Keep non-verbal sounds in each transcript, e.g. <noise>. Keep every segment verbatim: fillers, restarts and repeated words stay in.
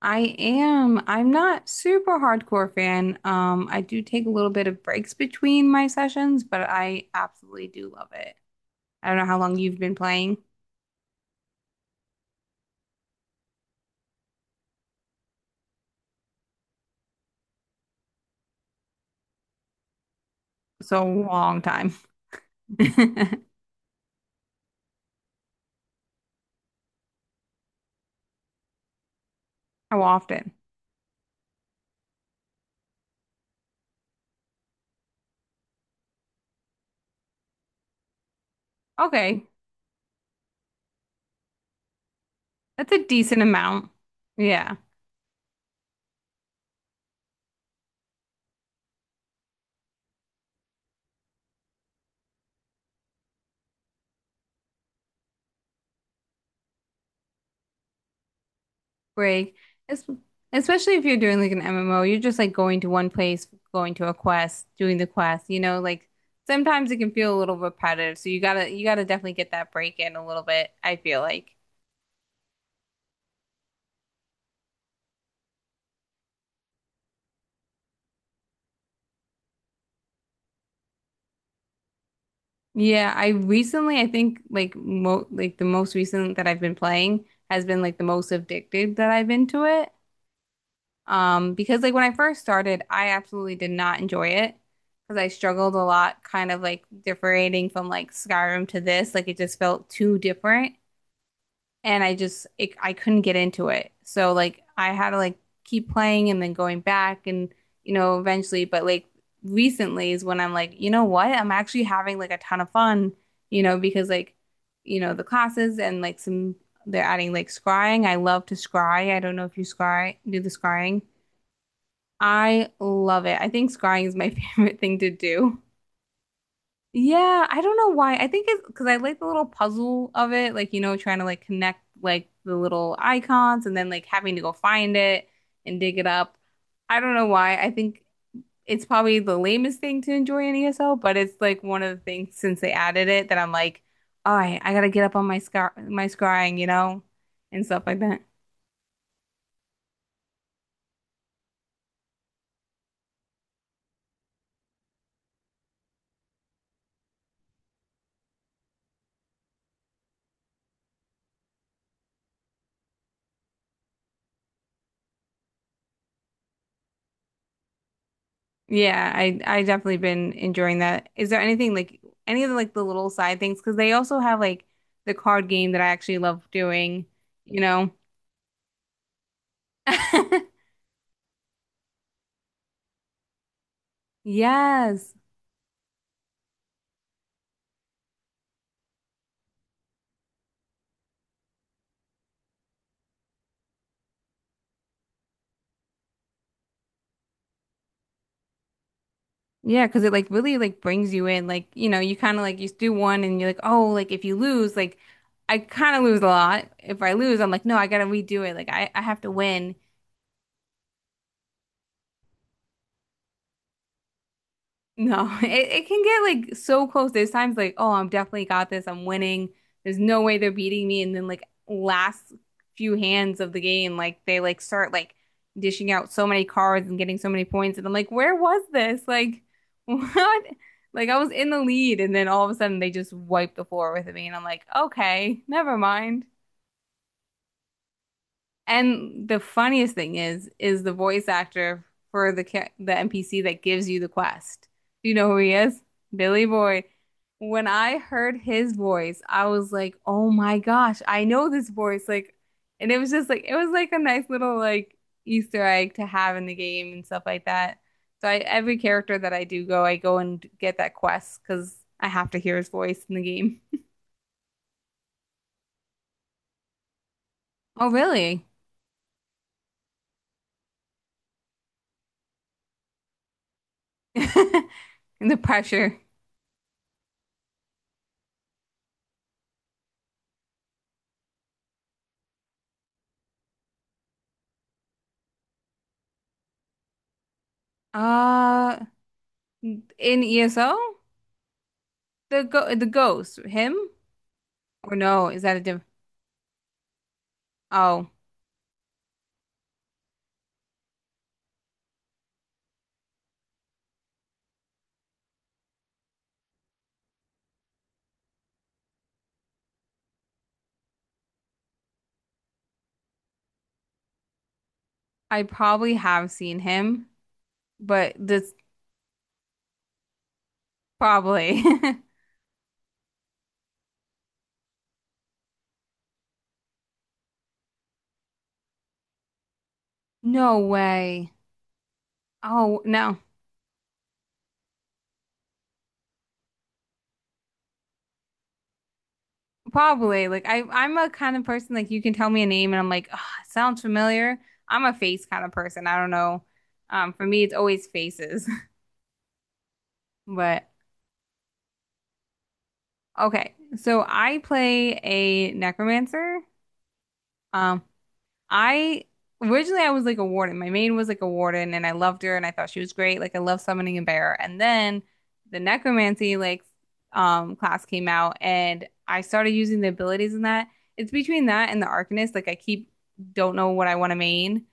I am. I'm not super hardcore fan. Um, I do take a little bit of breaks between my sessions, but I absolutely do love it. I don't know how long you've been playing. So long time. <laughs> How often? Okay. That's a decent amount. Yeah. Break. Es- Especially if you're doing like an M M O, you're just like going to one place, going to a quest, doing the quest, you know, like sometimes it can feel a little repetitive. So you gotta you gotta definitely get that break in a little bit, I feel like. Yeah, I recently, I think like mo like the most recent that I've been playing has been like the most addicted that I've been to it. Um, because like when I first started, I absolutely did not enjoy it because I struggled a lot, kind of like differentiating from like Skyrim to this. Like it just felt too different and I just it, I couldn't get into it. So like I had to like keep playing and then going back and you know eventually but like recently is when I'm like, you know what? I'm actually having like a ton of fun, you know, because like you know the classes and like some they're adding like scrying. I love to scry. I don't know if you scry do the scrying. I love it. I think scrying is my <laughs> favorite thing to do. Yeah, I don't know why. I think it's because I like the little puzzle of it, like you know, trying to like connect like the little icons and then like having to go find it and dig it up. I don't know why. I think it's probably the lamest thing to enjoy in E S L, but it's like one of the things since they added it that I'm like, all right, I gotta get up on my scar, my scrying, you know, and stuff like that. Yeah, I I definitely been enjoying that. Is there anything like any of the like the little side things? Because they also have like the card game that I actually love doing, you know. <laughs> Yes. Yeah, because it like really like brings you in. Like, you know, you kind of like you do one and you're like, oh, like if you lose, like I kind of lose a lot. If I lose, I'm like, no, I gotta redo it. Like I, I have to win. No, <laughs> it, it can get like so close. There's times like, oh, I'm definitely got this. I'm winning. There's no way they're beating me. And then like last few hands of the game, like they like start like dishing out so many cards and getting so many points. And I'm like, where was this? Like, <laughs> what? Like I was in the lead, and then all of a sudden they just wipe the floor with me, and I'm like, okay, never mind. And the funniest thing is, is the voice actor for the ca- the N P C that gives you the quest. Do you know who he is? Billy Boyd. When I heard his voice, I was like, "Oh my gosh, I know this voice!" Like, and it was just like it was like a nice little like Easter egg to have in the game and stuff like that. So I, every character that I do go, I go and get that quest because I have to hear his voice in the game. Oh, really? <laughs> And the pressure. Uh, In E S O? The go the ghost, him? Or no, is that a diff Oh, I probably have seen him, but this probably. <laughs> No way. Oh, no. Probably. Like I I'm a kind of person like you can tell me a name and I'm like, oh, sounds familiar. I'm a face kind of person. I don't know. Um, for me it's always faces. <laughs> But okay. So I play a necromancer. Um, I originally I was like a warden. My maid was like a warden and I loved her and I thought she was great. Like I love summoning a bear. And then the necromancy like um class came out and I started using the abilities in that. It's between that and the arcanist. Like I keep don't know what I want to main.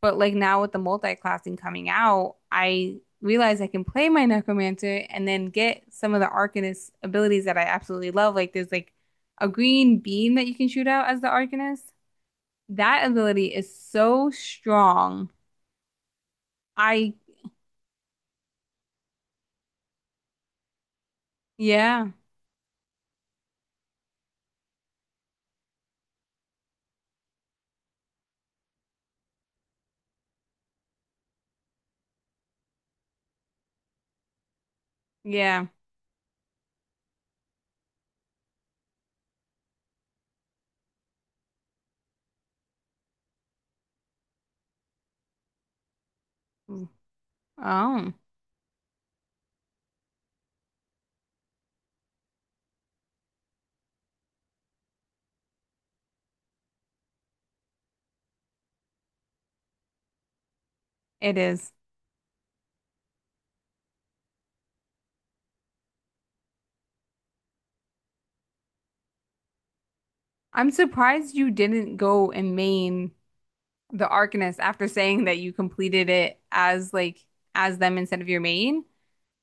But like now with the multi-classing coming out, I realize I can play my necromancer and then get some of the arcanist abilities that I absolutely love. Like there's like a green beam that you can shoot out as the arcanist. That ability is so strong. I, yeah, yeah. Oh, it is. I'm surprised you didn't go and main the Arcanist after saying that you completed it as like as them instead of your main.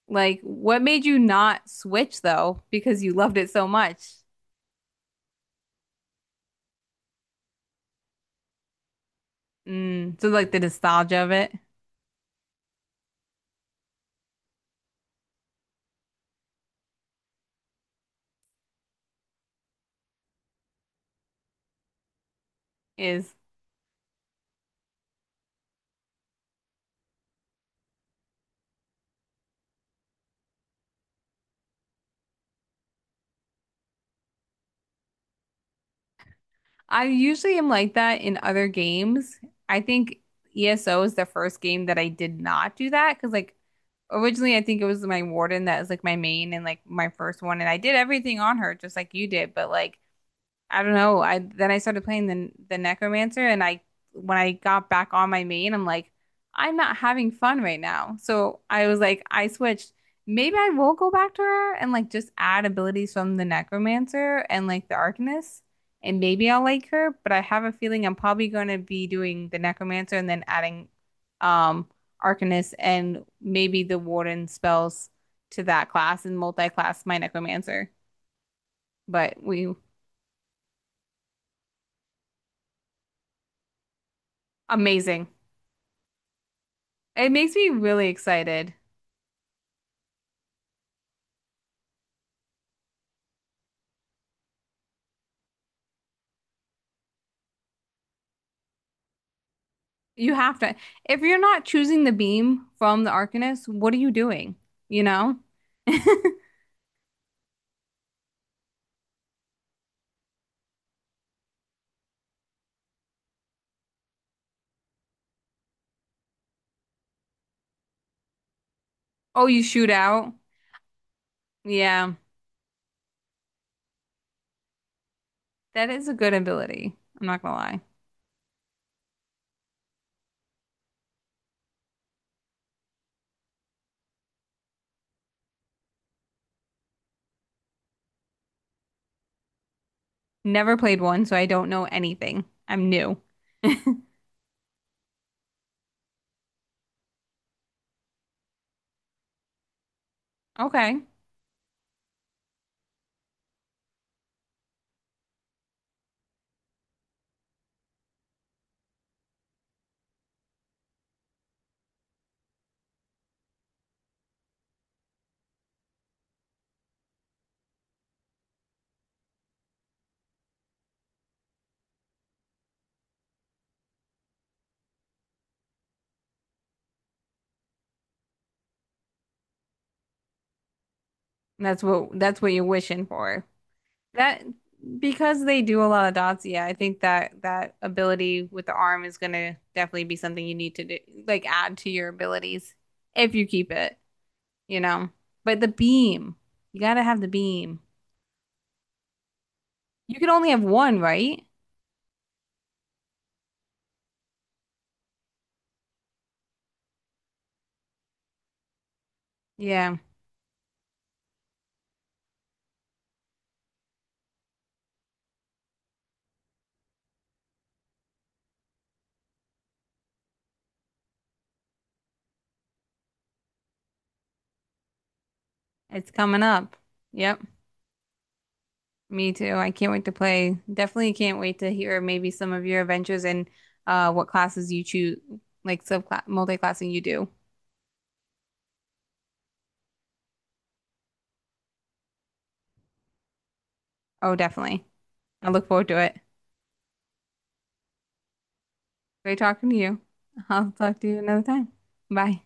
Like, what made you not switch though? Because you loved it so much. Mm, so like the nostalgia of it is I usually am like that in other games. I think E S O is the first game that I did not do that because, like, originally I think it was my warden that was like my main and like my first one, and I did everything on her just like you did, but like I don't know. I Then I started playing the the Necromancer, and I when I got back on my main, I'm like, I'm not having fun right now. So I was like, I switched. Maybe I will go back to her and like just add abilities from the Necromancer and like the Arcanist, and maybe I'll like her. But I have a feeling I'm probably going to be doing the Necromancer and then adding um Arcanist and maybe the Warden spells to that class and multi-class my Necromancer. But we amazing. It makes me really excited. You have to, if you're not choosing the beam from the Arcanist, what are you doing? You know? <laughs> Oh, you shoot out? Yeah, that is a good ability. I'm not gonna lie. Never played one, so I don't know anything. I'm new. <laughs> Okay. That's what that's what you're wishing for. That because they do a lot of dots, yeah, I think that that ability with the arm is gonna definitely be something you need to do, like add to your abilities if you keep it. You know. But the beam, you gotta have the beam. You can only have one, right? Yeah, it's coming up. Yep, me too. I can't wait to play. Definitely can't wait to hear maybe some of your adventures and uh, what classes you choose, like subclass multi-classing you do. Oh, definitely. I look forward to it. Great talking to you. <laughs> I'll talk to you another time. Bye.